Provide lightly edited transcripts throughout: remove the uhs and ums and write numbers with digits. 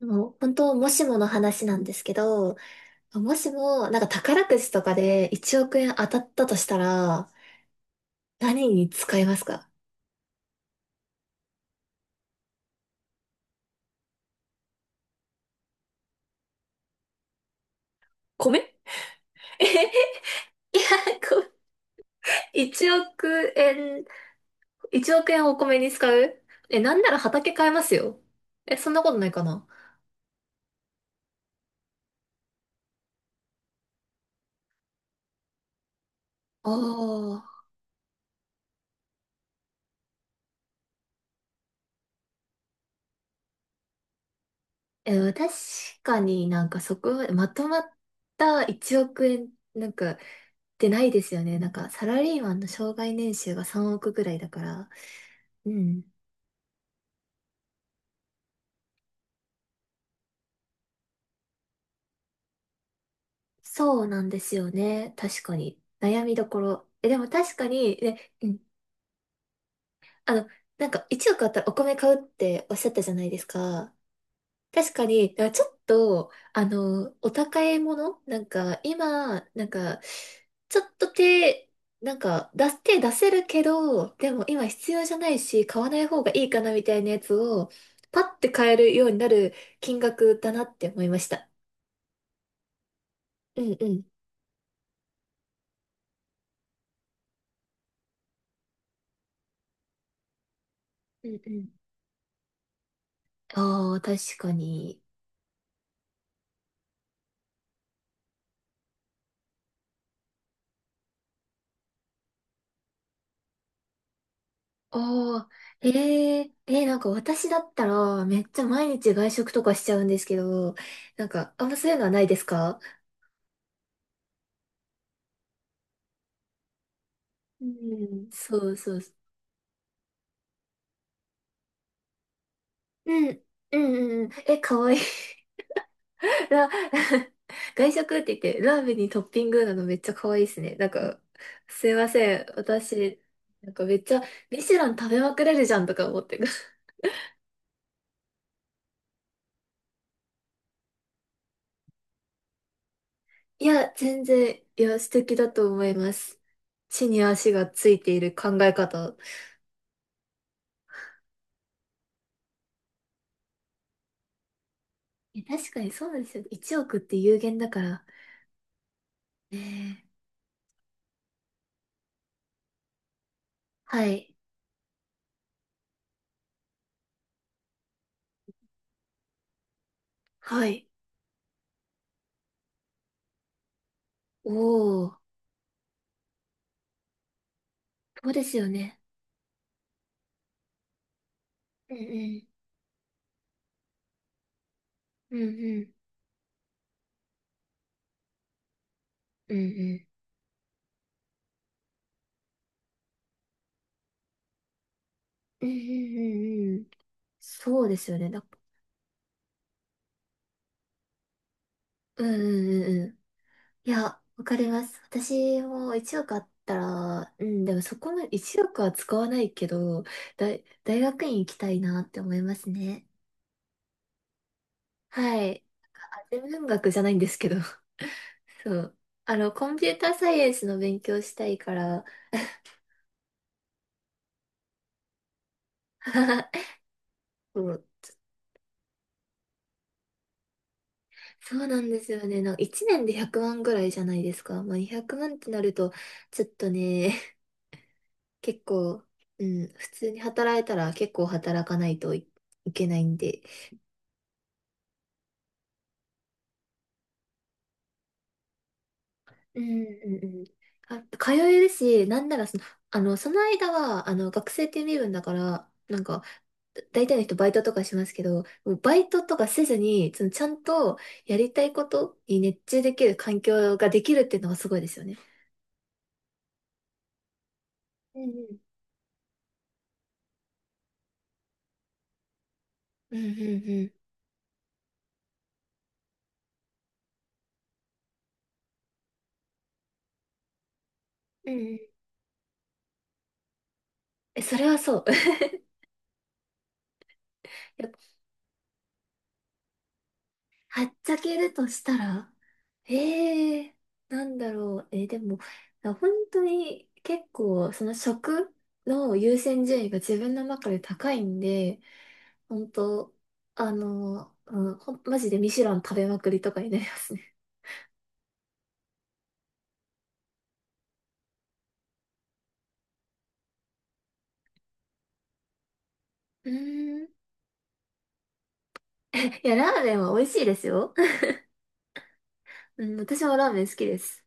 もう本当、もしもの話なんですけど、もしも、なんか宝くじとかで1億円当たったとしたら、何に使いますか？米。 え、いや、こう、1億円、1億円をお米に使う？え、なんなら畑買えますよ。え、そんなことないかな？ああ。え、確かになんかそこ、までまとまった1億円、なんか、ってないですよね。なんか、サラリーマンの生涯年収が3億ぐらいだから。うん。そうなんですよね。確かに。悩みどころ。え、でも確かに、ね、うん。あの、なんか1億あったらお米買うっておっしゃったじゃないですか。確かに、だからちょっと、お高いものなんか、今、なんか、ちょっと手、なんか、出す、手出せるけど、でも今必要じゃないし、買わない方がいいかなみたいなやつを、パッて買えるようになる金額だなって思いました。うんうん。うんうん。ああ、確かに。ああ、ええ、えーなんか私だったら、めっちゃ毎日外食とかしちゃうんですけど、なんか、あんまそういうのはないですか？うん。そうそうそう。うん、うん、うんうん。え、かわいい。ラ 外食って言って、ラーメンにトッピングなのめっちゃかわいいですね。なんか、すいません。私、なんかめっちゃ、ミシュラン食べまくれるじゃんとか思って。いや、全然、いや、素敵だと思います。地に足がついている考え方。え、確かにそうなんですよ。1億って有限だから。ねえ。はい。はい。おー、そうですよね。うんうん。うんうん。うんうん。うんうんうんうん。そうですよね。うんうんうんうん。いや、わかります。私も1億あったら、うん、でもそこまで1億は使わないけど、大学院行きたいなって思いますね。はい。あ、天文学じゃないんですけど。そう。コンピューターサイエンスの勉強したいから、そう、そうなんですよね。なんか1年で100万ぐらいじゃないですか。まあ、200万ってなると、ちょっとね、結構、うん、普通に働いたら結構働かないといけないんで。うんうんうん。あ、通えるし、なんならその、その間は、学生っていう身分だから、なんか、大体の人バイトとかしますけど、もうバイトとかせずに、そのちゃんとやりたいことに熱中できる環境ができるっていうのがすごいですよね。うんうん。うんうんうん。うんうん、え、それはそう。いや、はっちゃけるとしたら、ええなんだろう。でも、本当に結構、その食の優先順位が自分の中で高いんで、本当、うん、マジでミシュラン食べまくりとかになりますね。うーん。いや、ラーメンは美味しいですよ。うん、私もラーメン好きです。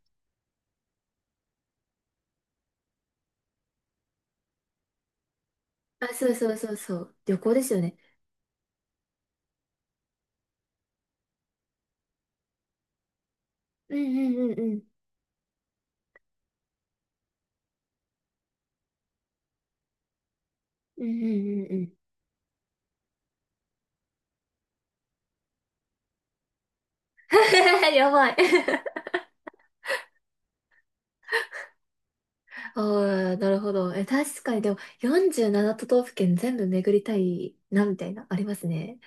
あ、そうそうそうそう。旅行ですよね。うんうんうんうん。うんうんうんうん。やばい。ああ、なるほど。え、確かに、でも、47都道府県全部巡りたいな、みたいな、ありますね。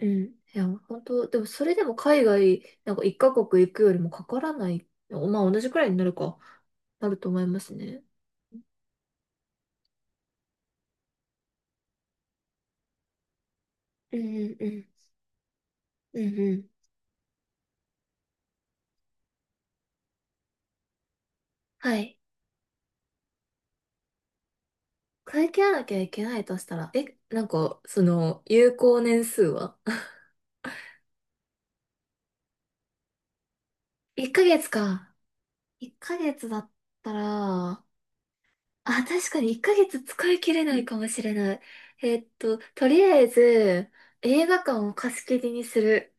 うん。いや、本当でも、それでも海外、なんか1カ国行くよりもかからない、まあ、同じくらいになるか、なると思いますね。うんうんうん。うんうん。はい。会計なきゃいけないとしたら、え、なんか、その、有効年数は？ ?1 ヶ月か。1ヶ月だったら、あ、確かに1ヶ月使い切れないかもしれない。とりあえず、映画館を貸し切りにする。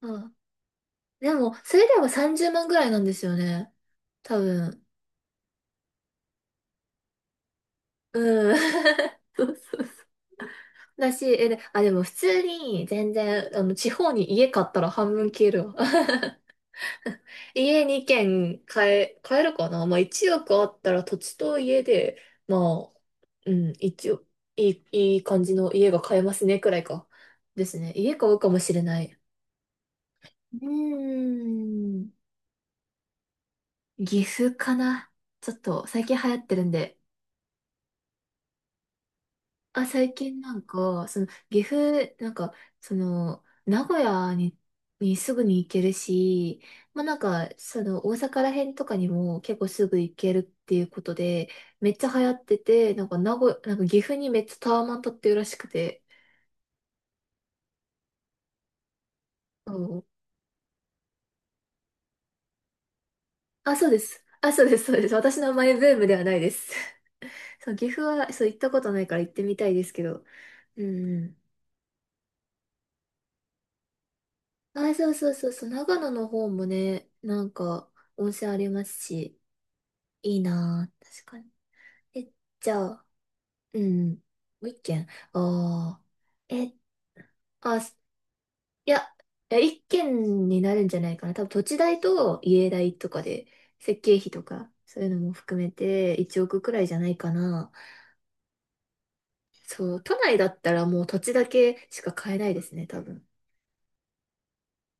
うん。でも、それでも30万ぐらいなんですよね。多分。うん。そうそうだし、え、でも普通に全然、地方に家買ったら半分消えるわ。家2軒買えるかな。まあ1億あったら土地と家で、まあ、うん、一応、いい感じの家が買えますね、くらいか。ですね。家買うかもしれない。うーん、岐阜かな。ちょっと最近流行ってるんで、あ、最近なんか、その、岐阜、なんか、その、名古屋に、すぐに行けるし、まあ、なんか、その、大阪ら辺とかにも結構すぐ行けるっていうことで、めっちゃ流行ってて、なんか、名古屋、なんか岐阜にめっちゃタワマン建ってるらしくて。そう、あ、そうです。あ、そうです、そうです。私のマイブームではないです。そう、岐阜は、そう、行ったことないから行ってみたいですけど。うんうん。あ、そうそうそうそう、長野の方もね、なんか、温泉ありますし。いいなぁ。確かに。え、じゃあ、うん。もう一軒。ああ。え、あ、いや、いや、一軒になるんじゃないかな。多分土地代と家代とかで、設計費とか、そういうのも含めて1億くらいじゃないかな。そう、都内だったらもう土地だけしか買えないですね、多分。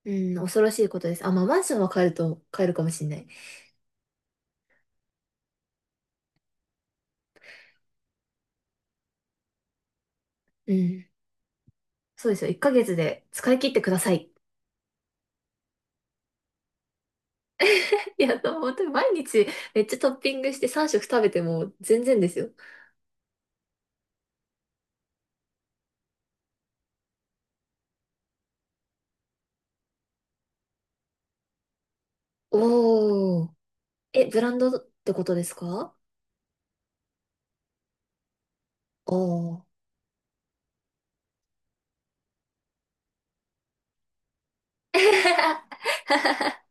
うん、恐ろしいことです。あ、まあ、マンションは買えるかもしれない。うん。そうですよ。1ヶ月で使い切ってください。いや、本当に毎日めっちゃトッピングして3食食べても全然ですよ。おー。え、ブランドってことですか？おー。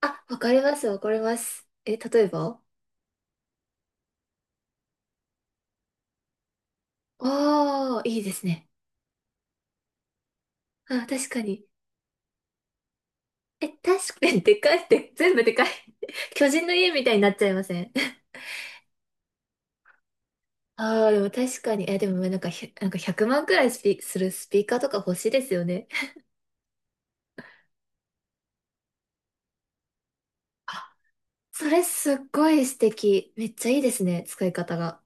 あ、わかります、わかります。え、例えば？ああー、いいですね。あ、確かに。え、確かに、でかいって、全部でかい。巨人の家みたいになっちゃいません？ ああ、でも確かに。え、でもなんかなんか100万くまんくらいするスピーカーとか欲しいですよね。それすっごい素敵。めっちゃいいですね、使い方が。